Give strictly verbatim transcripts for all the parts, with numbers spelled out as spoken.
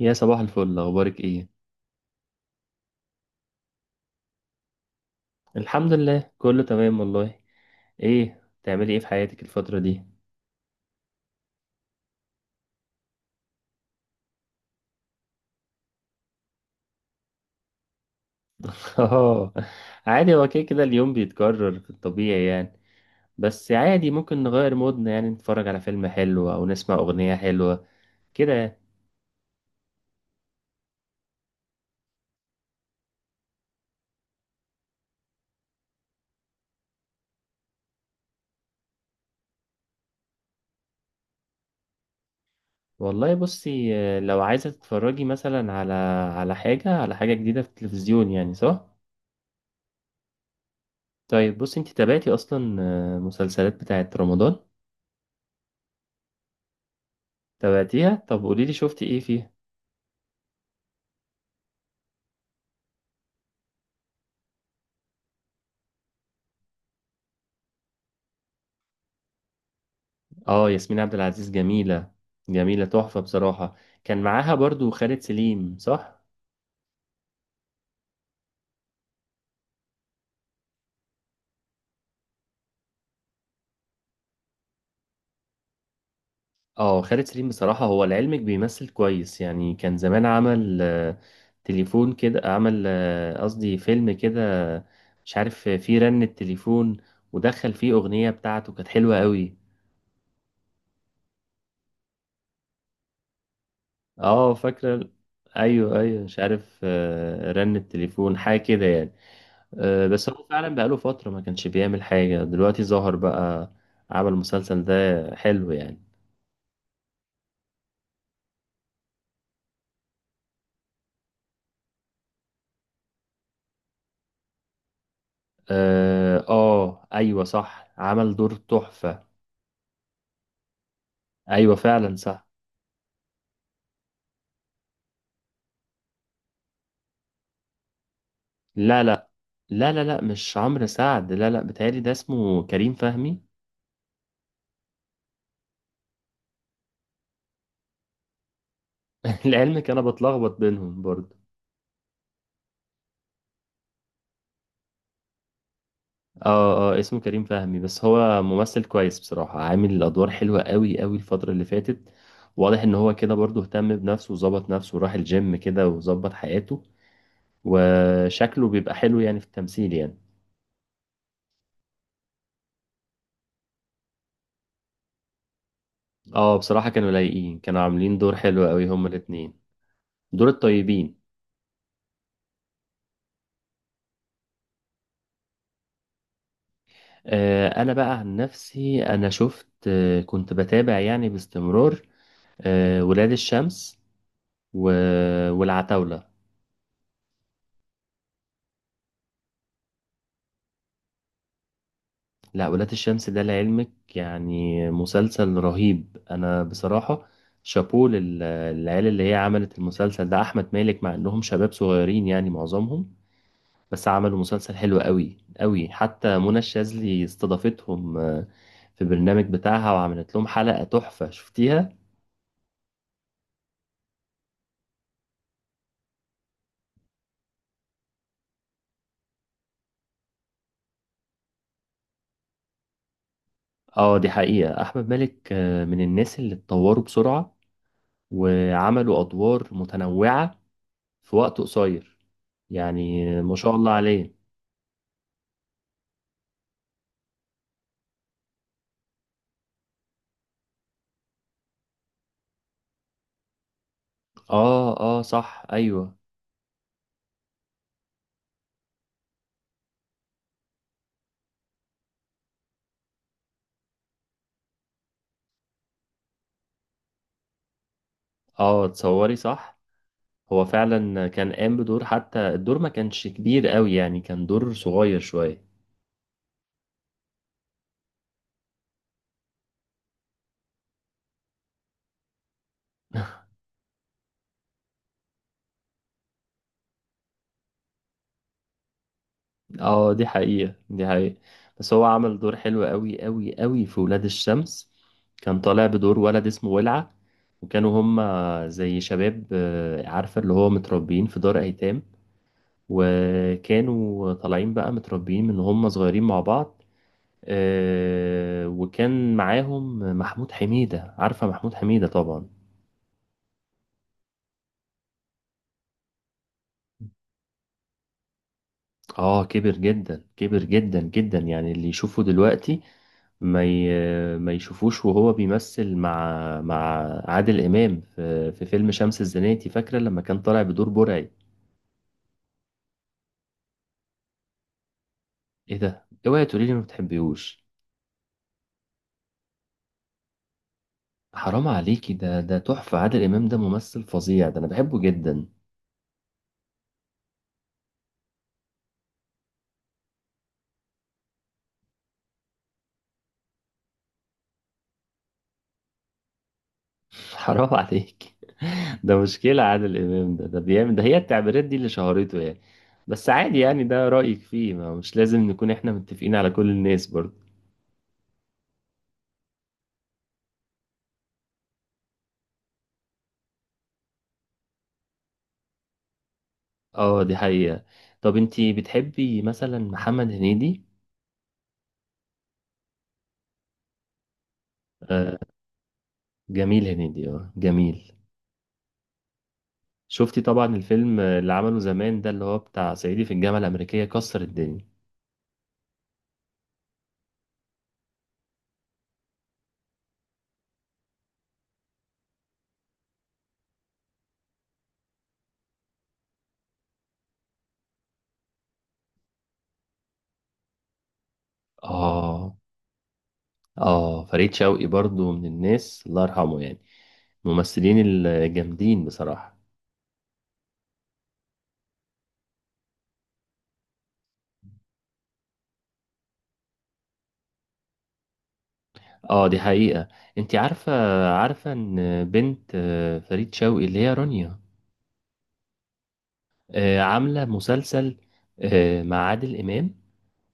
يا صباح الفل، اخبارك ايه؟ الحمد لله كله تمام والله. ايه تعملي ايه في حياتك الفترة دي؟ اه. عادي هو كده كده اليوم بيتكرر في الطبيعي يعني. بس عادي ممكن نغير مودنا، يعني نتفرج على فيلم حلو او نسمع اغنية حلوة كده يعني. والله بصي، آه، لو عايزة تتفرجي مثلا على على حاجة على حاجة جديدة في التلفزيون يعني، صح؟ طيب بصي، انت تابعتي اصلا آه، مسلسلات بتاعت رمضان؟ تابعتيها؟ طب قوليلي شفتي ايه فيها؟ اه، ياسمين عبد العزيز جميلة، جميلة تحفة بصراحة. كان معاها برضو خالد سليم، صح؟ اه، خالد سليم بصراحة هو لعلمك بيمثل كويس يعني. كان زمان عمل آه، تليفون كده، عمل آه، قصدي فيلم كده، مش عارف آه، فيه رن التليفون ودخل فيه أغنية بتاعته كانت حلوة قوي. اه، فاكرة. ايوه ايوه، مش عارف آه، رن التليفون حاجة كده يعني. آه، بس هو فعلا بقاله فترة ما كانش بيعمل حاجة، دلوقتي ظهر بقى، عمل المسلسل ده، حلو يعني. اه آه، ايوه صح، عمل دور تحفة. ايوه فعلا صح. لا لا، لا لا لا، مش عمرو سعد، لا لا، بتهيألي ده اسمه كريم فهمي. لعلمك انا بتلخبط بينهم برضه. اه اه، اسمه كريم فهمي. بس هو ممثل كويس بصراحة، عامل الادوار حلوة قوي قوي الفترة اللي فاتت. واضح ان هو كده برضه اهتم بنفسه وظبط نفسه وراح الجيم كده وظبط حياته، وشكله بيبقى حلو يعني في التمثيل يعني. اه بصراحة كانوا لايقين، كانوا عاملين دور حلو قوي هما الاتنين، دور الطيبين. آه انا بقى عن نفسي انا شفت، آه كنت بتابع يعني باستمرار آه ولاد الشمس و... والعتاولة. لا، ولاد الشمس ده لعلمك يعني مسلسل رهيب انا بصراحة. شابوه لل- للعيال اللي هي عملت المسلسل ده، احمد مالك، مع انهم شباب صغيرين يعني معظمهم. بس عملوا مسلسل حلو قوي قوي. حتى منى الشاذلي استضافتهم آه، في برنامج بتاعها وعملت لهم حلقة تحفة، شفتيها؟ اه دي حقيقة. احمد مالك آه، من الناس اللي اتطوروا بسرعة وعملوا ادوار متنوعة في وقت قصير يعني آه، ما شاء الله عليه. اه اه صح ايوه. اه تصوري صح. هو فعلا كان قام بدور، حتى الدور ما كانش كبير قوي يعني، كان دور صغير شوية. اه دي حقيقة، دي حقيقة. بس هو عمل دور حلو قوي قوي قوي في ولاد الشمس. كان طالع بدور ولد اسمه ولعة. وكانوا هما زي شباب آه، عارفة، اللي هو متربيين في دار أيتام. وكانوا طالعين بقى متربيين من هما صغيرين مع بعض. آه، وكان معاهم محمود حميدة، عارفة محمود حميدة طبعا. اه كبر جدا، كبر جدا جدا، يعني اللي يشوفه دلوقتي ما ي... ما يشوفوش وهو بيمثل مع مع عادل امام في, في فيلم شمس الزناتي، فاكره لما كان طالع بدور برعي؟ ايه ده، اوعي تقولي لي ما بتحبيهوش! حرام عليكي، ده ده تحفه، عادل امام ده ممثل فظيع، ده انا بحبه جدا. حرام عليك، ده مشكله عادل امام ده ده بيعمل، ده هي التعبيرات دي اللي شهرته يعني. بس عادي يعني، ده رايك فيه، ما مش لازم نكون احنا متفقين على كل الناس برضه. اه دي حقيقة. طب انتي بتحبي مثلا محمد هنيدي؟ آه جميل هنيدي، اه جميل. شفتي طبعا الفيلم اللي عمله زمان ده اللي هو بتاع صعيدي في الجامعة الأمريكية، كسر الدنيا. اه اه، فريد شوقي برضو من الناس الله يرحمه يعني، ممثلين الجامدين بصراحة. اه دي حقيقة. انتي عارفة، عارفة ان بنت آه، فريد شوقي اللي هي رانيا آه، عاملة مسلسل آه، مع عادل إمام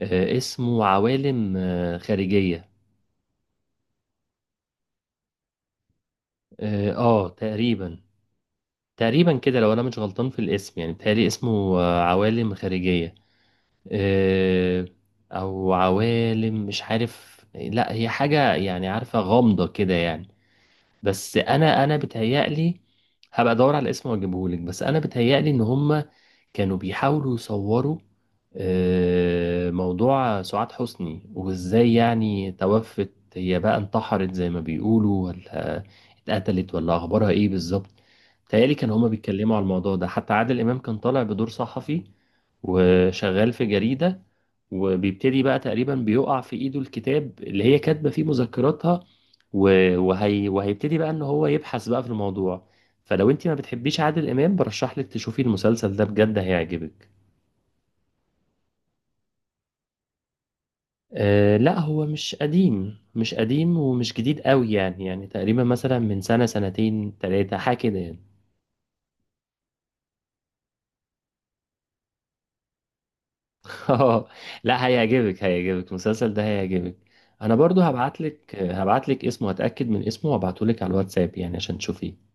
آه، اسمه عوالم آه، خارجية. اه آه، تقريبا، تقريبا كده، لو انا مش غلطان في الاسم يعني، بيتهيألي اسمه آه، عوالم خارجية، آه، او عوالم، مش عارف، لا هي حاجة يعني عارفة غامضة كده يعني. بس انا انا بتهيألي هبقى ادور على الاسم واجيبه لك، بس انا بتهيألي ان هما كانوا بيحاولوا يصوروا آه، موضوع سعاد حسني وازاي يعني توفت هي، بقى انتحرت زي ما بيقولوا، ولا اتقتلت، ولا اخبارها ايه بالظبط. بتهيألي كان هما بيتكلموا على الموضوع ده. حتى عادل امام كان طالع بدور صحفي وشغال في جريدة، وبيبتدي بقى تقريبا بيقع في ايده الكتاب اللي هي كاتبة فيه مذكراتها، و- وهي وهيبتدي بقى ان هو يبحث بقى في الموضوع. فلو انت ما بتحبيش عادل امام برشح لك تشوفي المسلسل ده، بجد هيعجبك. أه لا، هو مش قديم، مش قديم ومش جديد قوي يعني يعني تقريبا مثلا من سنة سنتين تلاتة حاجة كده يعني. اه لا هيعجبك، هيعجبك المسلسل ده، هيعجبك. انا برضو هبعت لك هبعت لك اسمه، هتأكد من اسمه وابعته لك على الواتساب يعني عشان تشوفيه.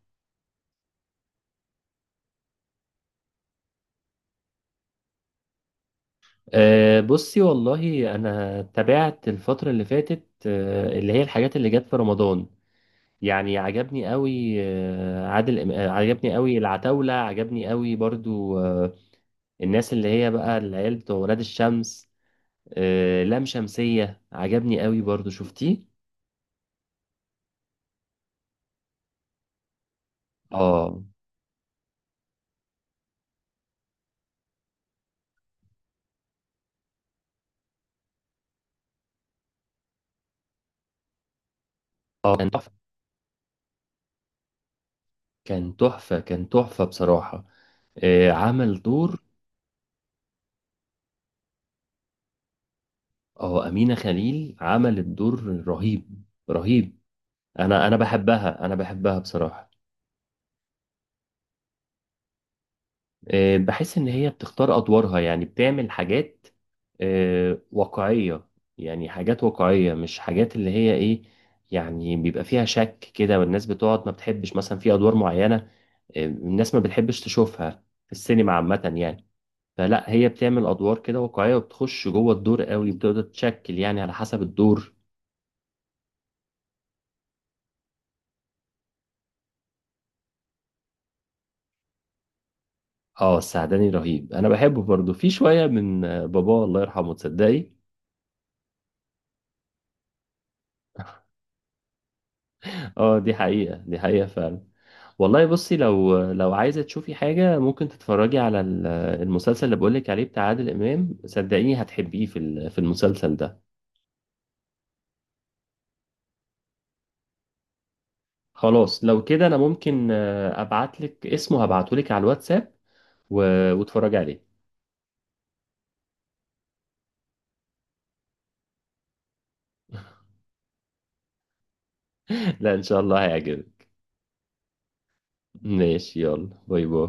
أه بصي، والله انا تابعت الفترة اللي فاتت، أه اللي هي الحاجات اللي جت في رمضان يعني. عجبني قوي آه، عادل إم- آه، عجبني قوي العتاولة، عجبني قوي برضو آه، الناس اللي هي بقى العيال بتوع ولاد الشمس. آه، لام شمسية عجبني قوي برضو، شفتيه؟ اه اه كان تحفة، كان تحفة، كان تحفة بصراحة، آه، عمل دور. اه، أمينة خليل عملت دور رهيب، رهيب. انا انا بحبها، انا بحبها بصراحة. آه، بحس ان هي بتختار ادوارها، يعني بتعمل حاجات آه، واقعية، يعني حاجات واقعية مش حاجات اللي هي ايه، يعني بيبقى فيها شك كده والناس بتقعد ما بتحبش مثلا في ادوار معينة، آه، الناس ما بتحبش تشوفها في السينما عامة يعني. فلا هي بتعمل ادوار كده واقعية، وبتخش جوه الدور قوي بتقدر تشكل يعني على حسب الدور. اه السعداني رهيب، انا بحبه برضه، في شوية من آه، باباه الله يرحمه، تصدقي؟ اه دي حقيقة، دي حقيقة فعلا. والله بصي، لو لو عايزة تشوفي حاجة، ممكن تتفرجي على ال- المسلسل اللي بقولك عليه بتاع عادل إمام، صدقيني هتحبيه، في ال- في المسلسل ده. خلاص لو كده أنا ممكن آه، أبعتلك اسمه، هبعتهولك على الواتساب و- واتفرجي عليه. لا إن شاء الله هيعجبك. ماشي، يلا باي باي.